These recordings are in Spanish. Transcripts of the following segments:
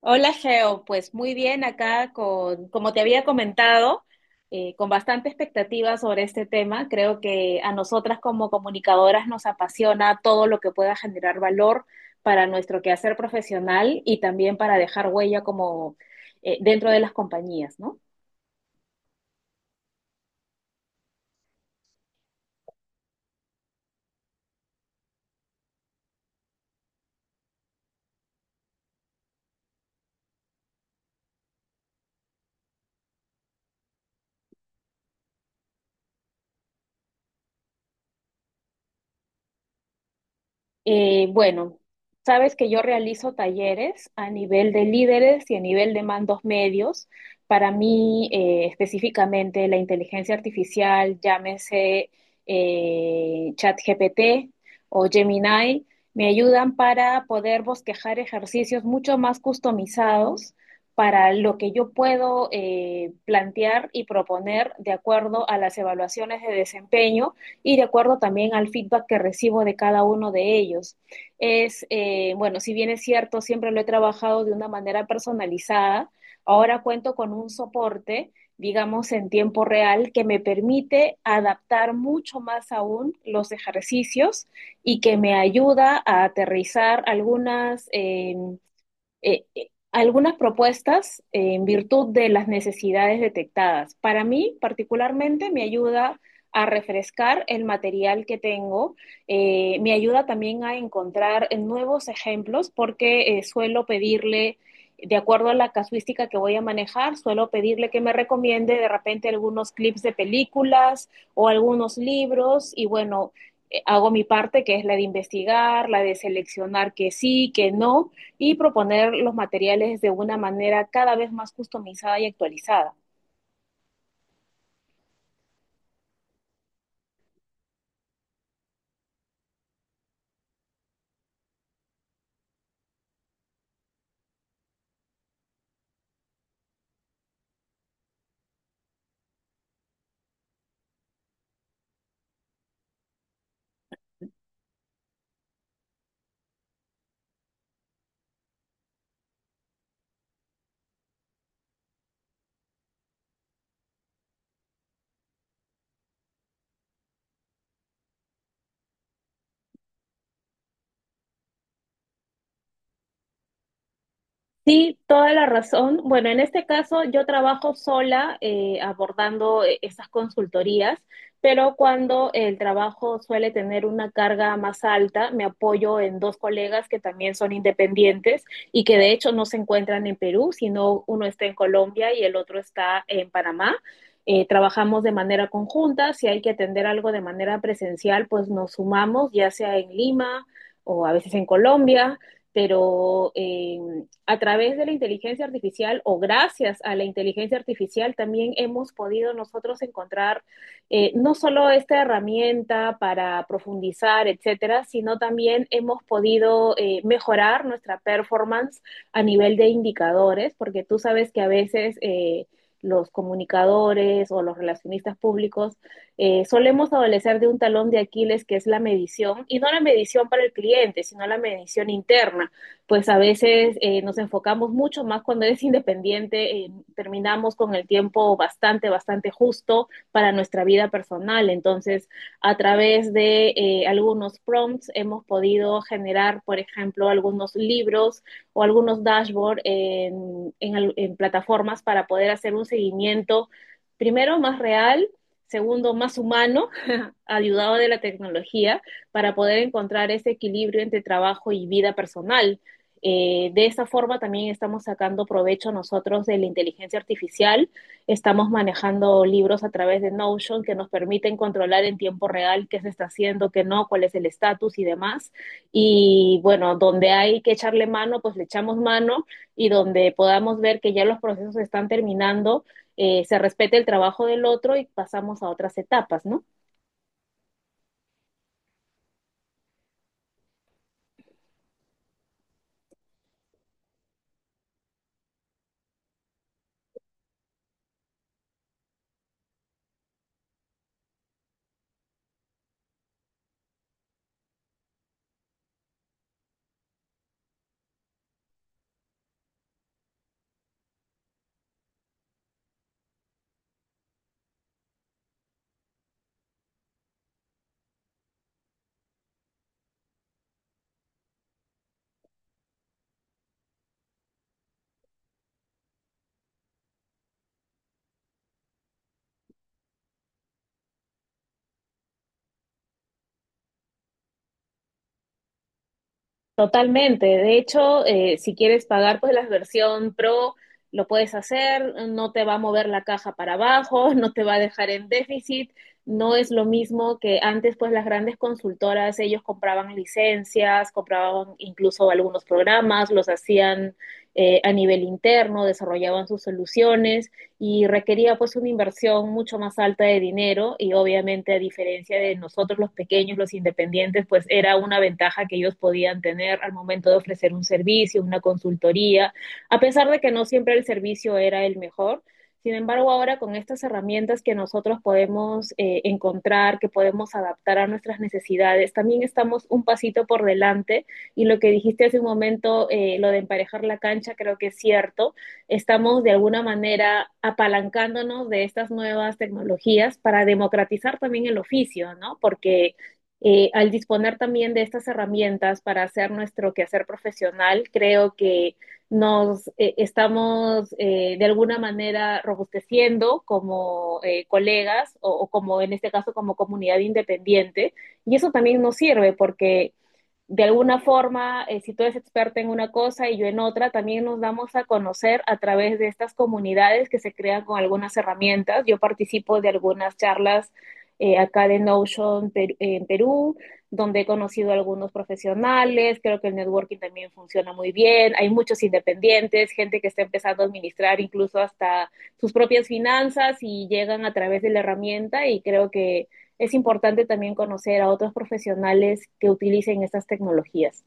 Hola, Geo. Pues muy bien acá con, como te había comentado, con bastante expectativa sobre este tema. Creo que a nosotras como comunicadoras nos apasiona todo lo que pueda generar valor para nuestro quehacer profesional y también para dejar huella como dentro de las compañías, ¿no? Bueno, sabes que yo realizo talleres a nivel de líderes y a nivel de mandos medios. Para mí, específicamente, la inteligencia artificial, llámese ChatGPT o Gemini, me ayudan para poder bosquejar ejercicios mucho más customizados para lo que yo puedo plantear y proponer de acuerdo a las evaluaciones de desempeño y de acuerdo también al feedback que recibo de cada uno de ellos. Bueno, si bien es cierto, siempre lo he trabajado de una manera personalizada, ahora cuento con un soporte, digamos, en tiempo real, que me permite adaptar mucho más aún los ejercicios y que me ayuda a aterrizar algunas propuestas en virtud de las necesidades detectadas. Para mí, particularmente, me ayuda a refrescar el material que tengo, me ayuda también a encontrar nuevos ejemplos porque suelo pedirle, de acuerdo a la casuística que voy a manejar, suelo pedirle que me recomiende de repente algunos clips de películas o algunos libros y bueno, hago mi parte, que es la de investigar, la de seleccionar que sí, que no, y proponer los materiales de una manera cada vez más customizada y actualizada. Sí, toda la razón. Bueno, en este caso yo trabajo sola abordando esas consultorías, pero cuando el trabajo suele tener una carga más alta, me apoyo en dos colegas que también son independientes y que de hecho no se encuentran en Perú, sino uno está en Colombia y el otro está en Panamá. Trabajamos de manera conjunta, si hay que atender algo de manera presencial, pues nos sumamos, ya sea en Lima o a veces en Colombia, pero a través de la inteligencia artificial o gracias a la inteligencia artificial también hemos podido nosotros encontrar, no solo esta herramienta para profundizar, etcétera, sino también hemos podido mejorar nuestra performance a nivel de indicadores, porque tú sabes que a veces... los comunicadores o los relacionistas públicos, solemos adolecer de un talón de Aquiles que es la medición, y no la medición para el cliente, sino la medición interna, pues a veces nos enfocamos mucho más cuando eres independiente, terminamos con el tiempo bastante, bastante justo para nuestra vida personal. Entonces, a través de algunos prompts hemos podido generar, por ejemplo, algunos libros o algunos dashboards en plataformas para poder hacer un seguimiento, primero, más real, segundo, más humano, ayudado de la tecnología, para poder encontrar ese equilibrio entre trabajo y vida personal. De esa forma también estamos sacando provecho nosotros de la inteligencia artificial. Estamos manejando libros a través de Notion que nos permiten controlar en tiempo real qué se está haciendo, qué no, cuál es el estatus y demás. Y bueno, donde hay que echarle mano, pues le echamos mano, y donde podamos ver que ya los procesos están terminando, se respete el trabajo del otro y pasamos a otras etapas, ¿no? Totalmente. De hecho, si quieres pagar pues la versión Pro, lo puedes hacer, no te va a mover la caja para abajo, no te va a dejar en déficit. No es lo mismo que antes, pues las grandes consultoras, ellos compraban licencias, compraban incluso algunos programas, los hacían a nivel interno, desarrollaban sus soluciones y requería pues una inversión mucho más alta de dinero y obviamente a diferencia de nosotros los pequeños, los independientes, pues era una ventaja que ellos podían tener al momento de ofrecer un servicio, una consultoría, a pesar de que no siempre el servicio era el mejor. Sin embargo, ahora con estas herramientas que nosotros podemos encontrar, que podemos adaptar a nuestras necesidades, también estamos un pasito por delante, y lo que dijiste hace un momento, lo de emparejar la cancha, creo que es cierto. Estamos de alguna manera apalancándonos de estas nuevas tecnologías para democratizar también el oficio, ¿no? Porque al disponer también de estas herramientas para hacer nuestro quehacer profesional, creo que nos estamos de alguna manera robusteciendo como colegas o como en este caso como comunidad independiente, y eso también nos sirve porque de alguna forma, si tú eres experta en una cosa y yo en otra, también nos damos a conocer a través de estas comunidades que se crean con algunas herramientas. Yo participo de algunas charlas acá de Notion per en Perú, donde he conocido a algunos profesionales, creo que el networking también funciona muy bien, hay muchos independientes, gente que está empezando a administrar incluso hasta sus propias finanzas y llegan a través de la herramienta y creo que es importante también conocer a otros profesionales que utilicen estas tecnologías.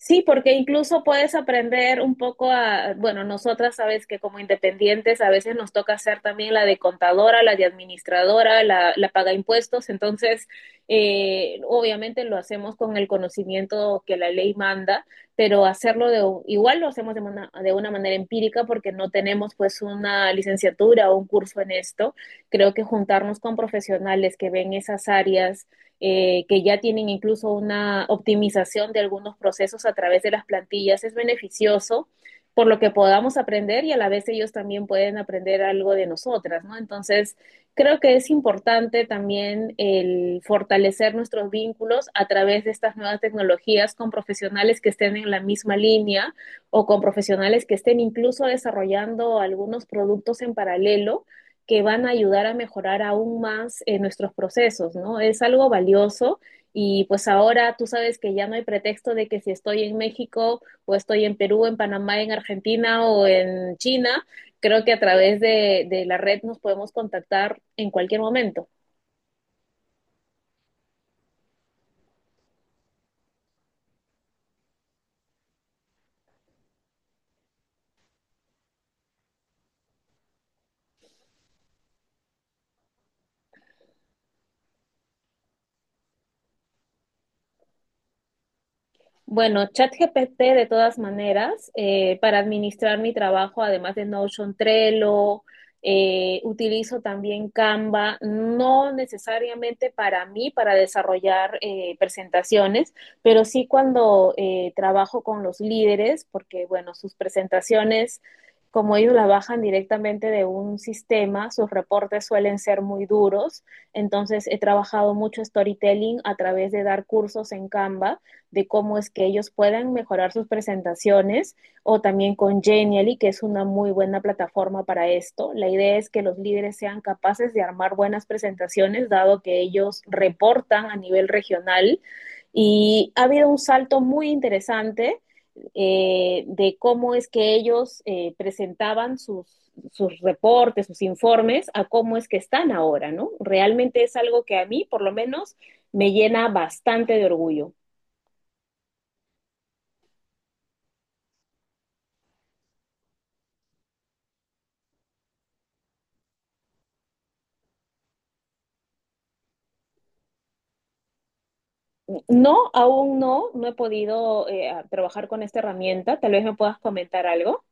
Sí, porque incluso puedes aprender un poco a, bueno, nosotras sabes que como independientes a veces nos toca hacer también la de contadora, la de administradora, la paga impuestos, entonces obviamente lo hacemos con el conocimiento que la ley manda, pero hacerlo de, igual lo hacemos de una manera empírica porque no tenemos pues una licenciatura o un curso en esto. Creo que juntarnos con profesionales que ven esas áreas, que ya tienen incluso una optimización de algunos procesos a través de las plantillas, es beneficioso por lo que podamos aprender y a la vez ellos también pueden aprender algo de nosotras, ¿no? Entonces, creo que es importante también el fortalecer nuestros vínculos a través de estas nuevas tecnologías con profesionales que estén en la misma línea o con profesionales que estén incluso desarrollando algunos productos en paralelo que van a ayudar a mejorar aún más nuestros procesos, ¿no? Es algo valioso y pues ahora tú sabes que ya no hay pretexto de que si estoy en México o estoy en Perú, en Panamá, en Argentina o en China, creo que a través de la red nos podemos contactar en cualquier momento. Bueno, ChatGPT de todas maneras, para administrar mi trabajo, además de Notion, Trello, utilizo también Canva, no necesariamente para mí, para desarrollar presentaciones, pero sí cuando trabajo con los líderes, porque bueno, sus presentaciones, como ellos las bajan directamente de un sistema, sus reportes suelen ser muy duros, entonces he trabajado mucho storytelling a través de dar cursos en Canva de cómo es que ellos puedan mejorar sus presentaciones o también con Genially, que es una muy buena plataforma para esto. La idea es que los líderes sean capaces de armar buenas presentaciones, dado que ellos reportan a nivel regional. Y ha habido un salto muy interesante de cómo es que ellos presentaban sus reportes, sus informes, a cómo es que están ahora, ¿no? Realmente es algo que a mí, por lo menos, me llena bastante de orgullo. No, aún no he podido trabajar con esta herramienta. Tal vez me puedas comentar algo.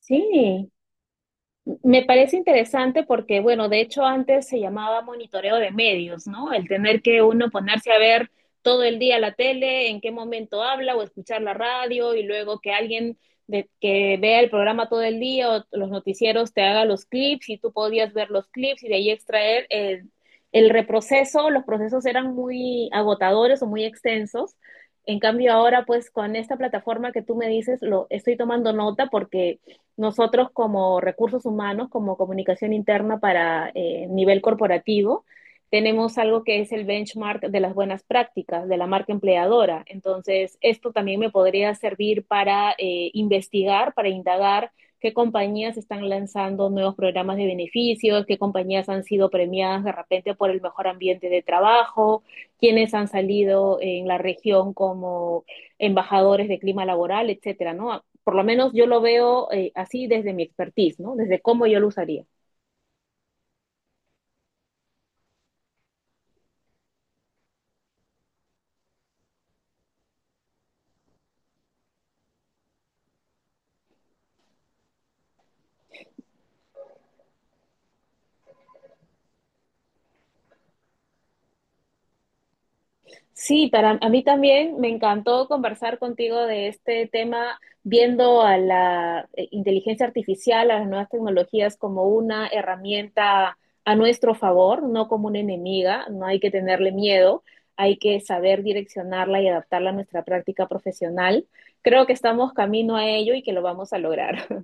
Sí, me parece interesante porque, bueno, de hecho antes se llamaba monitoreo de medios, ¿no? El tener que uno ponerse a ver todo el día la tele, en qué momento habla o escuchar la radio y luego que alguien de, que vea el programa todo el día o los noticieros te haga los clips y tú podías ver los clips y de ahí extraer el reproceso. Los procesos eran muy agotadores o muy extensos. En cambio ahora pues con esta plataforma que tú me dices, lo estoy tomando nota porque nosotros como recursos humanos, como comunicación interna para nivel corporativo, tenemos algo que es el benchmark de las buenas prácticas de la marca empleadora. Entonces, esto también me podría servir para investigar, para indagar qué compañías están lanzando nuevos programas de beneficios, qué compañías han sido premiadas de repente por el mejor ambiente de trabajo, quiénes han salido en la región como embajadores de clima laboral, etcétera, ¿no? Por lo menos yo lo veo así desde mi expertise, ¿no? Desde cómo yo lo usaría. Sí, para a mí también me encantó conversar contigo de este tema, viendo a la inteligencia artificial, a las nuevas tecnologías como una herramienta a nuestro favor, no como una enemiga, no hay que tenerle miedo, hay que saber direccionarla y adaptarla a nuestra práctica profesional. Creo que estamos camino a ello y que lo vamos a lograr.